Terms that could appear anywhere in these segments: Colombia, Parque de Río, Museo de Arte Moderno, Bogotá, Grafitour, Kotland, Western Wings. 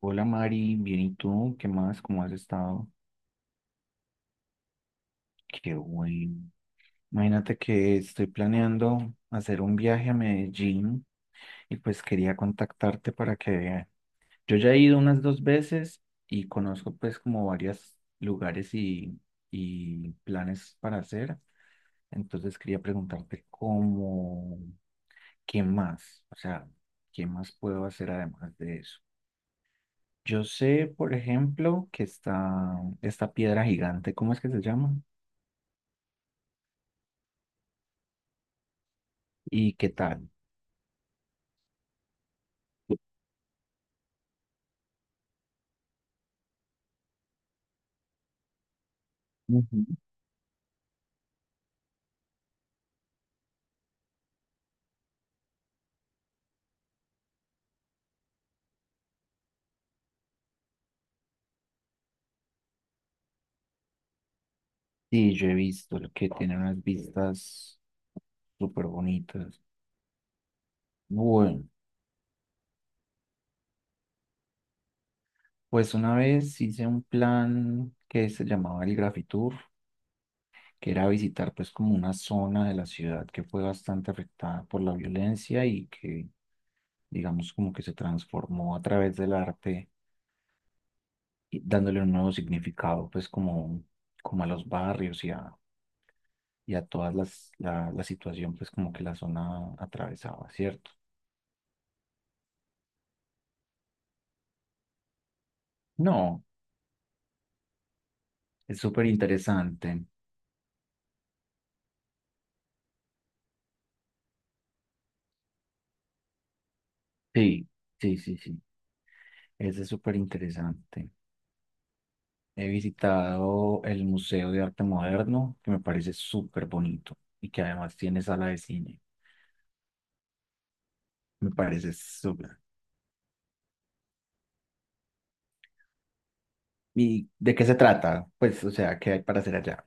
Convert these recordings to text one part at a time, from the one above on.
Hola Mari, bien y tú, ¿qué más? ¿Cómo has estado? Qué bueno. Imagínate que estoy planeando hacer un viaje a Medellín y pues quería contactarte para que yo ya he ido unas 2 veces y conozco pues como varios lugares y planes para hacer. Entonces quería preguntarte cómo, ¿qué más? O sea, ¿qué más puedo hacer además de eso? Yo sé, por ejemplo, que está esta piedra gigante, ¿cómo es que se llama? ¿Y qué tal? Ujú. Sí, yo he visto el que tiene unas vistas súper bonitas. Bueno, pues una vez hice un plan que se llamaba el Grafitour, que era visitar pues como una zona de la ciudad que fue bastante afectada por la violencia y que digamos como que se transformó a través del arte y dándole un nuevo significado pues como, como a los barrios y a todas la situación pues como que la zona atravesaba, ¿cierto? No, es súper interesante. Sí, sí. Ese es súper interesante. He visitado el Museo de Arte Moderno, que me parece súper bonito y que además tiene sala de cine. Me parece súper. ¿Y de qué se trata? Pues, o sea, ¿qué hay para hacer allá?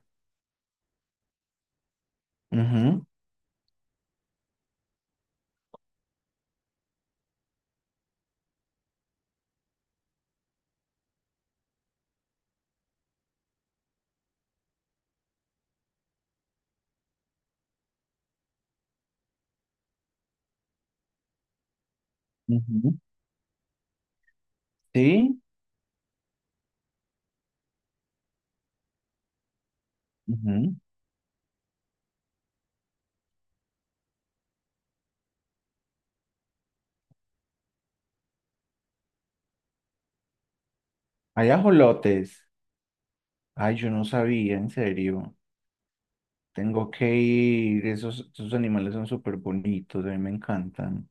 Ujú, ujú. Sí, ujú. Hay ajolotes. Ay, yo no sabía, en serio. Tengo que ir. Esos animales son súper bonitos, a mí me encantan.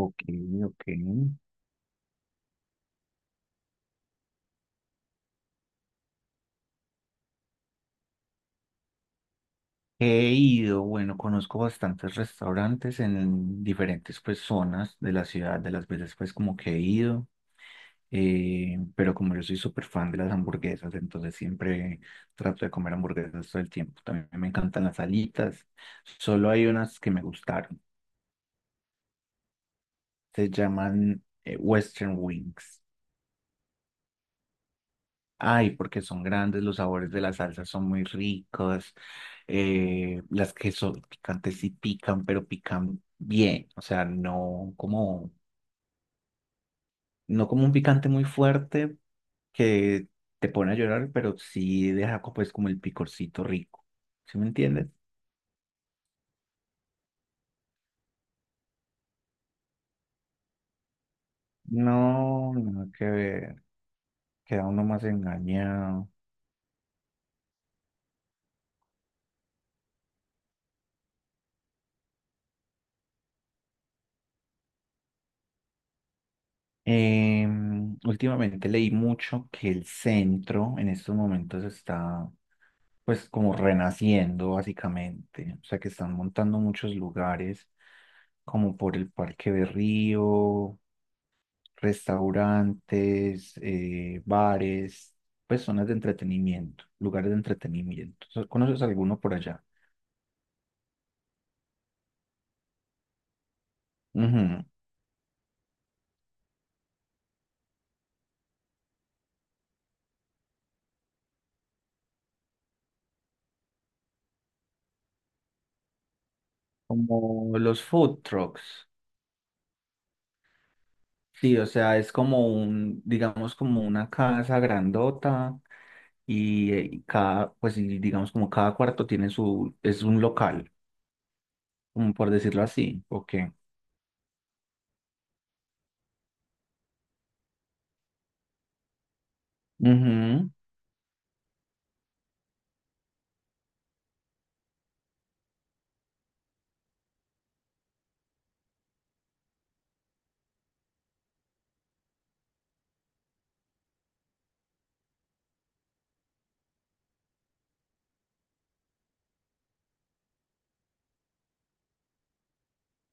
Ok, ok. He ido, bueno, conozco bastantes restaurantes en diferentes pues zonas de la ciudad, de las veces pues como que he ido, pero como yo soy súper fan de las hamburguesas, entonces siempre trato de comer hamburguesas todo el tiempo. También me encantan las alitas, solo hay unas que me gustaron, se llaman Western Wings. Ay, porque son grandes, los sabores de las salsas son muy ricos, las que son picantes sí pican, pero pican bien, o sea, no como un picante muy fuerte que te pone a llorar, pero sí deja pues como el picorcito rico, ¿sí me entiendes? No, no, que ver, queda uno más engañado. Últimamente leí mucho que el centro en estos momentos está pues como renaciendo básicamente, o sea que están montando muchos lugares como por el Parque de Río, restaurantes, bares, pues zonas de entretenimiento, lugares de entretenimiento. ¿Conoces alguno por allá? Ujú, como los food trucks. Sí, o sea, es como un, digamos, como una casa grandota y cada, pues y digamos como cada cuarto tiene su, es un local, como por decirlo así. Ok, ujú,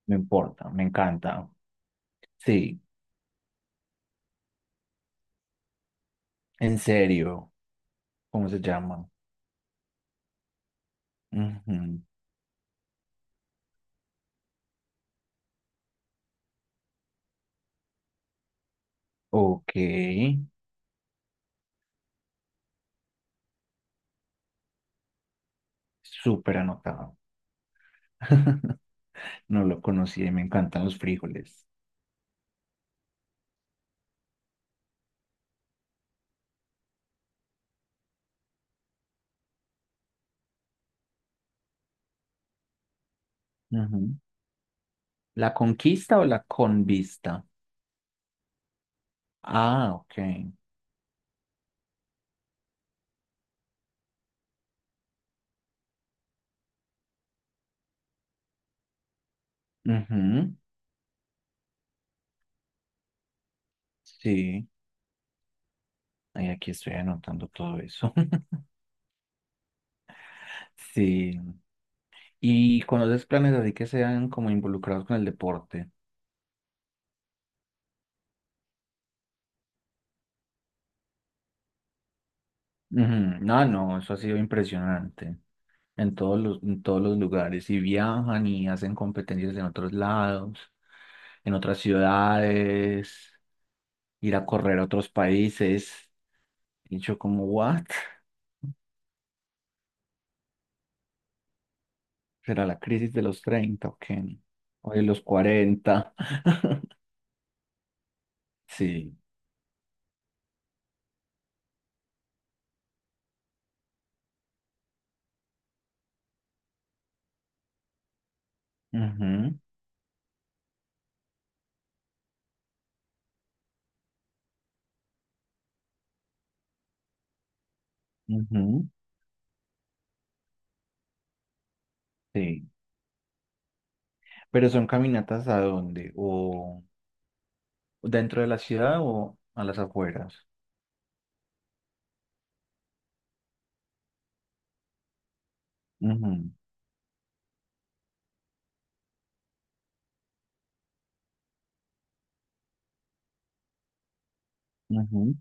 me importa, me encanta. Sí, en serio, ¿cómo se llama? Ujú, ok, súper anotado. No lo conocí, me encantan los frijoles. Ujú. ¿La conquista o la convista? Ah, ok. Ujú. Sí, ay, aquí estoy anotando todo eso. Sí. ¿Y conoces planes así que sean como involucrados con el deporte? Ujú, no, no, eso ha sido impresionante. En todos en todos los lugares. Y viajan y hacen competencias en otros lados, en otras ciudades, ir a correr a otros países. Y yo como, ¿what? ¿Será la crisis de los 30 o qué? O de los 40. Sí. Ujú. Ujú, sí. ¿Pero son caminatas a dónde? ¿O dentro de la ciudad o a las afueras? Ujú, ujú.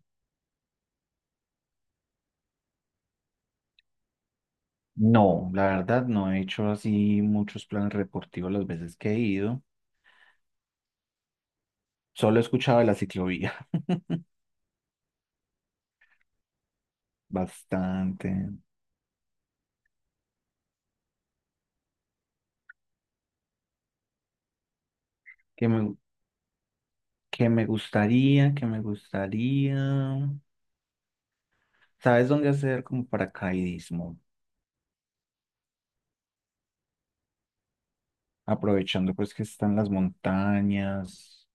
No, la verdad no he hecho así muchos planes deportivos las veces que he ido. Solo he escuchado de la ciclovía. Bastante. Que me, que me gustaría, que me gustaría. ¿Sabes dónde hacer como paracaidismo? Aprovechando pues que están las montañas.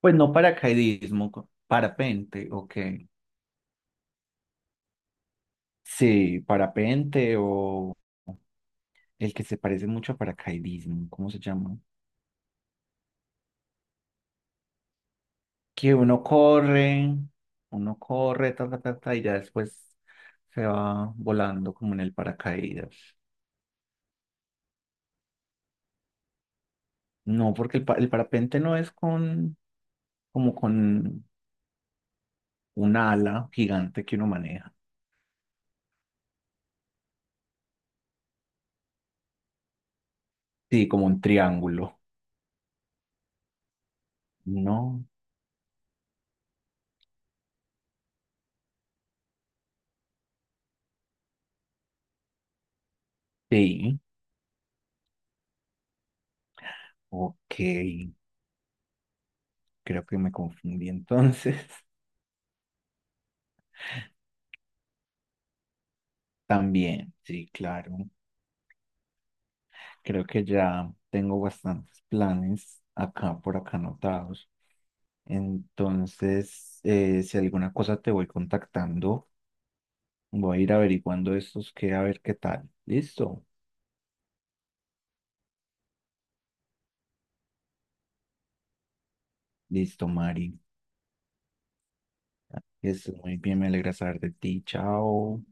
Pues no paracaidismo, parapente, ok. Sí, parapente o el que se parece mucho a paracaidismo, ¿cómo se llama? Que uno corre, uno corre, ta, ta, ta, ta, y ya después se va volando como en el paracaídas. No, porque el parapente no es con, como con un ala gigante que uno maneja. Sí, como un triángulo. No, sí, ok, creo que me confundí entonces. También, sí, claro. Creo que ya tengo bastantes planes acá por acá anotados. Entonces, si alguna cosa te voy contactando, voy a ir averiguando estos que a ver qué tal. Listo, listo, Mari. Es muy bien, me alegra saber de ti. Chao.